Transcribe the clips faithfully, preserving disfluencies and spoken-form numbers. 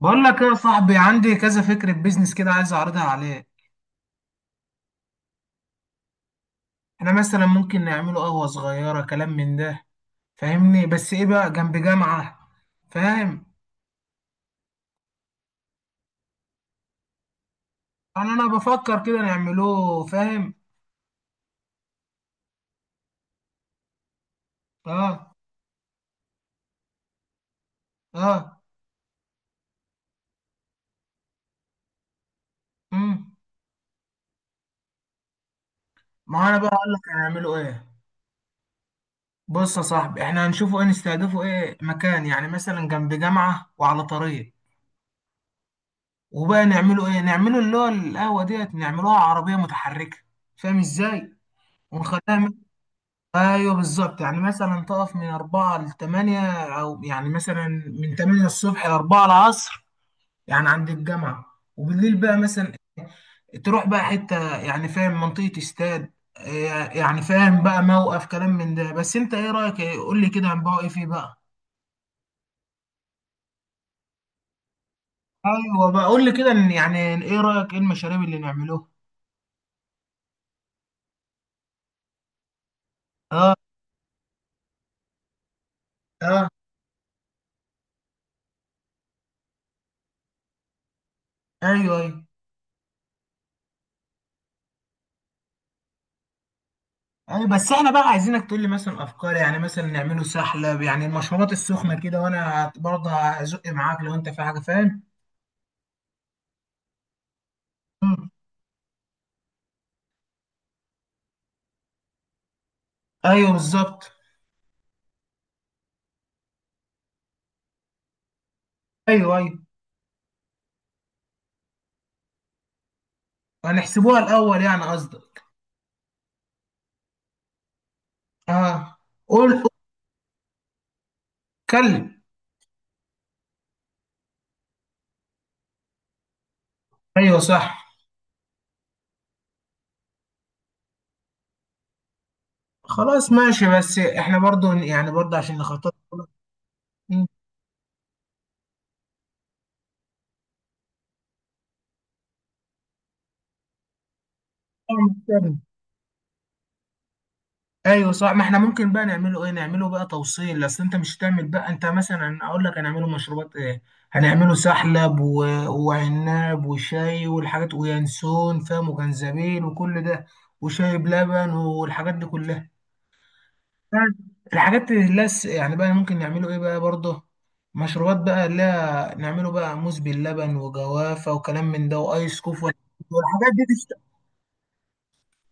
بقول لك ايه يا صاحبي؟ عندي كذا فكرة بيزنس كده، عايز اعرضها عليك. احنا مثلا ممكن نعمله قهوة صغيرة، كلام من ده، فاهمني؟ بس ايه بقى، جنب جامعة، فاهم. انا انا بفكر كده نعمله، فاهم. اه، اه، امم ما انا بقى اقول لك هنعمله ايه. بص يا صاحبي، احنا هنشوفه ايه؟ نستهدفه ايه؟ مكان يعني مثلا جنب جامعة وعلى طريق، وبقى نعمله ايه؟ نعمله اللي هو القهوة ديت، نعملوها عربية متحركة، فاهم ازاي؟ ونخليها. ايوه بالظبط، يعني مثلا تقف من أربعة ل ثمانية، او يعني مثلا من ثمانية الصبح ل الرابعة العصر، يعني عند الجامعه. وبالليل بقى مثلا تروح بقى حته، يعني فاهم، منطقه استاد، إيه يعني، فاهم بقى، موقف، كلام من ده. بس انت ايه رايك، إيه؟ قول لي كده، هنبقى ايه فيه بقى؟ ايوه بقى، قول لي كده. إن- يعني ايه رايك؟ ايه المشاريب اللي نعملوها؟ اه، اه، ايوه، ايوه. يعني بس احنا بقى عايزينك تقول لي مثلا افكار، يعني مثلا نعمله سحلة، يعني المشروبات السخنة كده، وانا برضه هزق معاك لو انت في حاجة، فاهم. مم. ايوه بالظبط. ايوه، ايوه، هنحسبوها الاول يعني قصدك؟ اه، قول، قول، اتكلم. ايوه صح. خلاص، ماشي، بس احنا برضه يعني برضه عشان نخطط. مم. ايوه صح. ما احنا ممكن بقى نعمله ايه، نعمله بقى توصيل، اصل انت مش هتعمل بقى، انت مثلا اقول لك هنعمله مشروبات ايه. هنعمله سحلب و... وعناب وشاي والحاجات، وينسون، فاهم، وجنزبيل وكل ده، وشاي بلبن والحاجات دي كلها، الحاجات اللي لس يعني. بقى ممكن نعمله ايه بقى برضه؟ مشروبات بقى، لا نعمله بقى موز باللبن وجوافة وكلام من ده، وايس كوف والحاجات دي.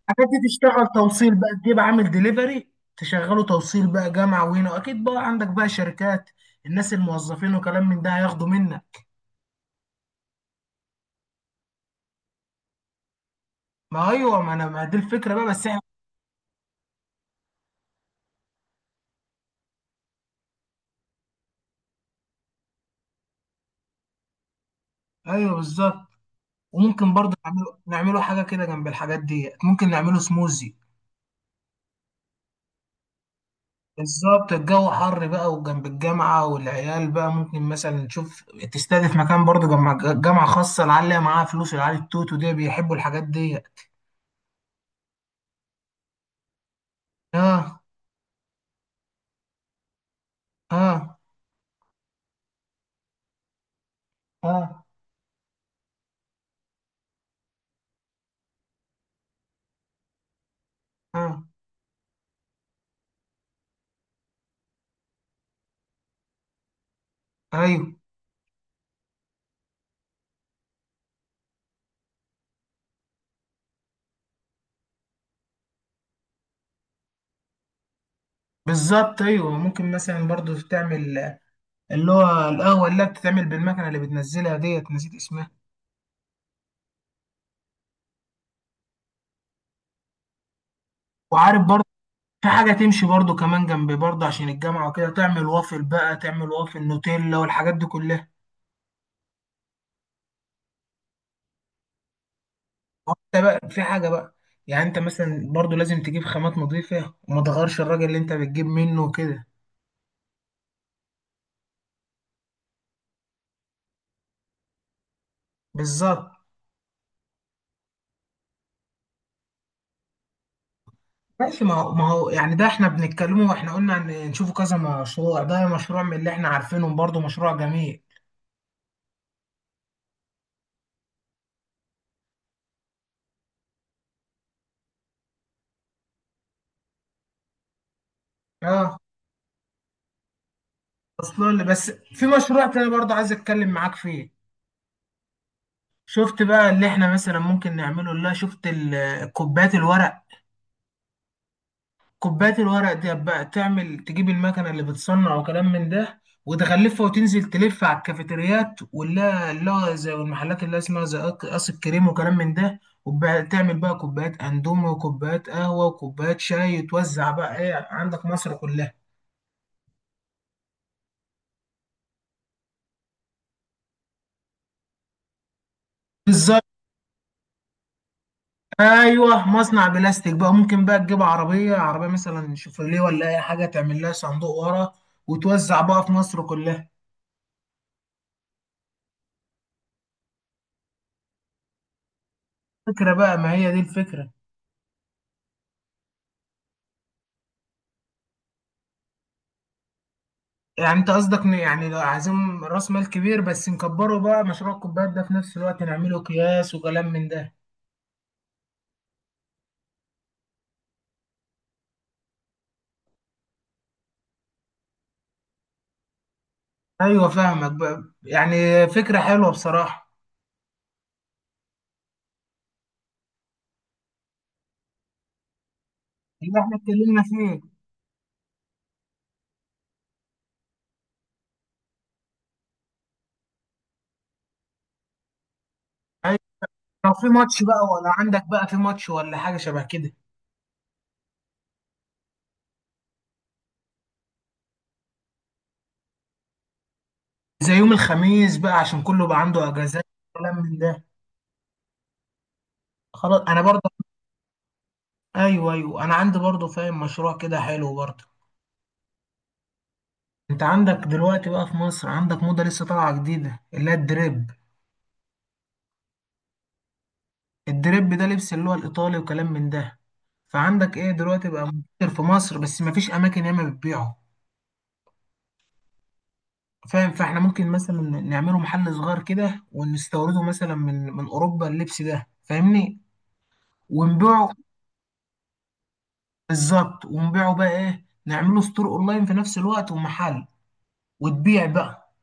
حاجات دي تشتغل توصيل بقى، تجيب عامل ديليفري، تشغله توصيل بقى جامعة، وهنا اكيد بقى عندك بقى شركات، الناس الموظفين وكلام من ده هياخدوا منك. ما ايوه، ما انا ما دي الفكرة بقى، بس احنا. ايوه بالظبط. وممكن برضه نعمله نعمله حاجة كده جنب الحاجات دي، ممكن نعمله سموزي، بالظبط. الجو حر بقى وجنب الجامعة والعيال، بقى ممكن مثلا تشوف، تستهدف مكان برضه، جامعة، جامعة خاصة، العيال اللي معاها فلوس، العيال التوتو دي بيحبوا الحاجات دي. اه، اه، اه، اه، ايوه بالظبط. ايوه، ممكن مثلا برضو تعمل اللي هو القهوه، اللي بتتعمل بالمكنه، اللي بتنزلها ديت، نسيت اسمها. وعارف برضو في حاجه تمشي برضو كمان جنبي، برضو عشان الجامعه وكده، تعمل وافل بقى، تعمل وافل نوتيلا والحاجات دي كلها. وانت بقى في حاجه بقى، يعني انت مثلا برضو لازم تجيب خامات نظيفه، وما تغيرش الراجل اللي انت بتجيب منه وكده، بالظبط، ماشي. ما هو ما هو يعني ده احنا بنتكلمه، واحنا قلنا ان نشوفه كذا مشروع. ده مشروع من اللي احنا عارفينهم، برضو مشروع جميل. اه، اصلا بس في مشروع تاني برضه عايز اتكلم معاك فيه. شفت بقى اللي احنا مثلا ممكن نعمله؟ لا، شفت ال- كوبايات الورق؟ كوبايات الورق دي بقى، تعمل تجيب المكنه اللي بتصنع وكلام من ده، وتغلفها، وتنزل تلف على الكافيتريات، ولا لا، زي والمحلات اللي اسمها زي قص قص الكريم وكلام من ده، وتعمل بقى كوبايات اندومي وكوبايات قهوه وكوبايات شاي، وتوزع بقى ايه، عندك مصر كلها. بالظبط، ايوه، مصنع بلاستيك بقى، ممكن بقى تجيب عربيه، عربيه مثلا شوفرليه ولا اي حاجه، تعمل لها صندوق ورا، وتوزع بقى في مصر كلها. فكره بقى، ما هي دي الفكره. يعني انت قصدك إن، يعني لو عايزين راس مال كبير، بس نكبره بقى، مشروع الكوبايات ده في نفس الوقت نعمله اكياس وكلام من ده. ايوه فاهمك بقى، يعني فكره حلوه بصراحه، اللي احنا اتكلمنا فيه. أيوة. لو في ماتش بقى، ولا عندك بقى في ماتش ولا حاجه شبه كده، زي يوم الخميس بقى، عشان كله بقى عنده اجازات، كلام من ده. خلاص، انا برضه، ايوه، ايوه، انا عندي برضو فاهم مشروع كده حلو برضو. انت عندك دلوقتي بقى في مصر، عندك موضة لسه طالعة جديدة، اللي هي الدريب. الدريب ده لبس اللي هو الايطالي وكلام من ده. فعندك ايه دلوقتي، بقى منتشر في مصر، بس مفيش اماكن ياما بتبيعه، فاهم. فاحنا ممكن مثلا نعمله محل صغير كده، ونستورده مثلا من من اوروبا، اللبس ده، فاهمني، ونبيعه. بالظبط. ونبيعه بقى ايه، نعمله ستور اونلاين في نفس الوقت ومحل، وتبيع بقى،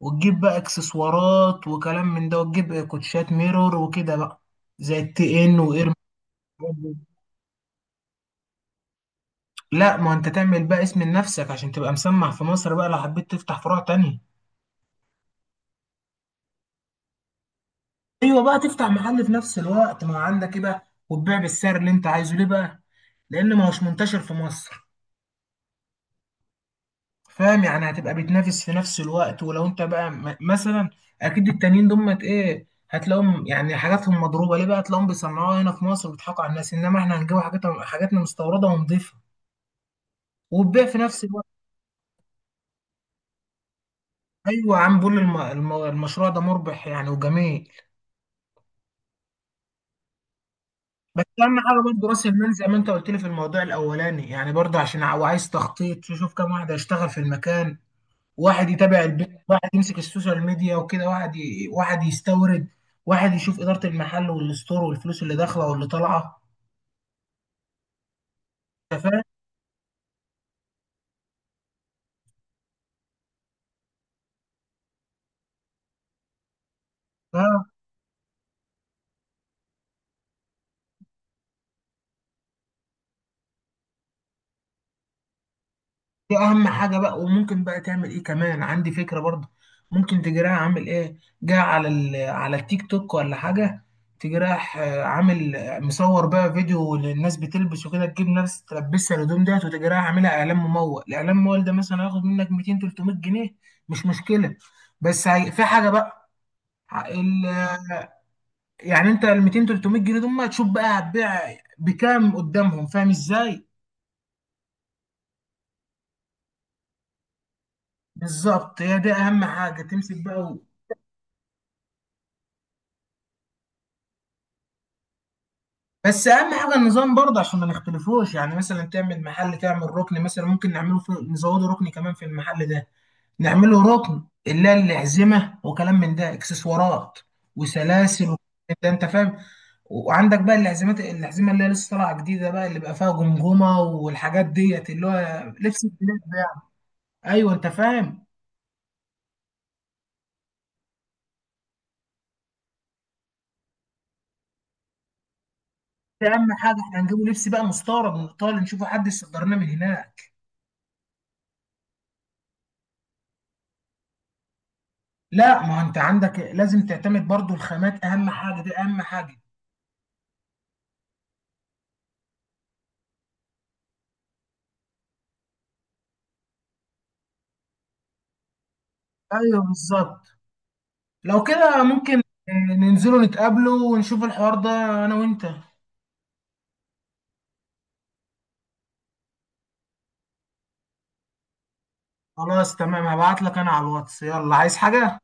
وتجيب بقى اكسسوارات وكلام من ده، وتجيب كوتشات ميرور وكده بقى، زي التي ان واير. لا، ما انت تعمل بقى اسم لنفسك عشان تبقى مسمع في مصر بقى، لو حبيت تفتح فروع تانية. ايوه بقى، تفتح محل في نفس الوقت، ما عندك ايه بقى، وتبيع بالسعر اللي انت عايزه. ليه بقى؟ لان ما هوش منتشر في مصر، فاهم، يعني هتبقى بتنافس في نفس الوقت. ولو انت بقى م- مثلا، اكيد التانيين دول ايه، هتلاقيهم يعني حاجاتهم مضروبه، ليه بقى؟ هتلاقيهم بيصنعوها هنا في مصر، وبيضحكوا على الناس، انما احنا هنجيب حاجاتنا حاجاتنا مستورده، ونضيفه وتبيع في نفس الوقت. ايوه يا عم، بقول الم... الم... المشروع ده مربح يعني وجميل. بس اهم حاجه برضه راس المال، زي ما انت قلت لي في الموضوع الاولاني، يعني برضه عشان ع- وعايز تخطيط، تشوف كام واحد هيشتغل في المكان، واحد يتابع البيع، واحد يمسك السوشيال ميديا وكده، واحد ي... واحد يستورد، واحد يشوف إدارة المحل والستور والفلوس اللي داخلة واللي طالعة، انت فاهم. اه، دي اهم حاجه بقى. وممكن بقى تعمل ايه كمان، عندي فكره برضه. ممكن تجراها عامل ايه، جاي على ال... على التيك توك ولا حاجه، تجراح آه، عامل مصور بقى فيديو للناس بتلبس وكده، تجيب ناس تلبسها الهدوم ديت، وتجراها عاملها اعلان ممول. الاعلان الممول ده مثلا هياخد منك ميتين تلتمية جنيه، مش مشكله. بس هي... في حاجه بقى. ال... يعني انت ال ميتين تلتمية جنيه دول، ما تشوف بقى هتبيع بكام قدامهم، فاهم ازاي؟ بالظبط، هي دي اهم حاجه، تمسك بقى و... بس اهم حاجه النظام برضه، عشان ما نختلفوش. يعني مثلا تعمل محل، تعمل ركن، مثلا ممكن نعمله في نزوده ركن كمان في المحل ده، نعمله ركن اللي هي الأحزمة وكلام من ده، اكسسوارات وسلاسل وكلام من ده، انت فاهم. وعندك بقى الأحزمة الأحزمة اللي هي لسه طالعة جديدة بقى، اللي بقى فيها جمجمة والحاجات ديت، اللي هو لبس البلاد. ايوه انت فاهم. ده اهم حاجه، احنا هنجيبه لبس بقى مستورد من ايطاليا، نشوفه حد يصدر لنا من هناك. لا، ما انت عندك لازم تعتمد برضو الخامات، اهم حاجه دي، اهم حاجه. ايوه بالظبط، لو كده ممكن. آه، ننزلوا نتقابلوا ونشوف الحوار ده، انا وانت. خلاص، تمام، هبعت لك انا على الواتس، يلا عايز حاجه.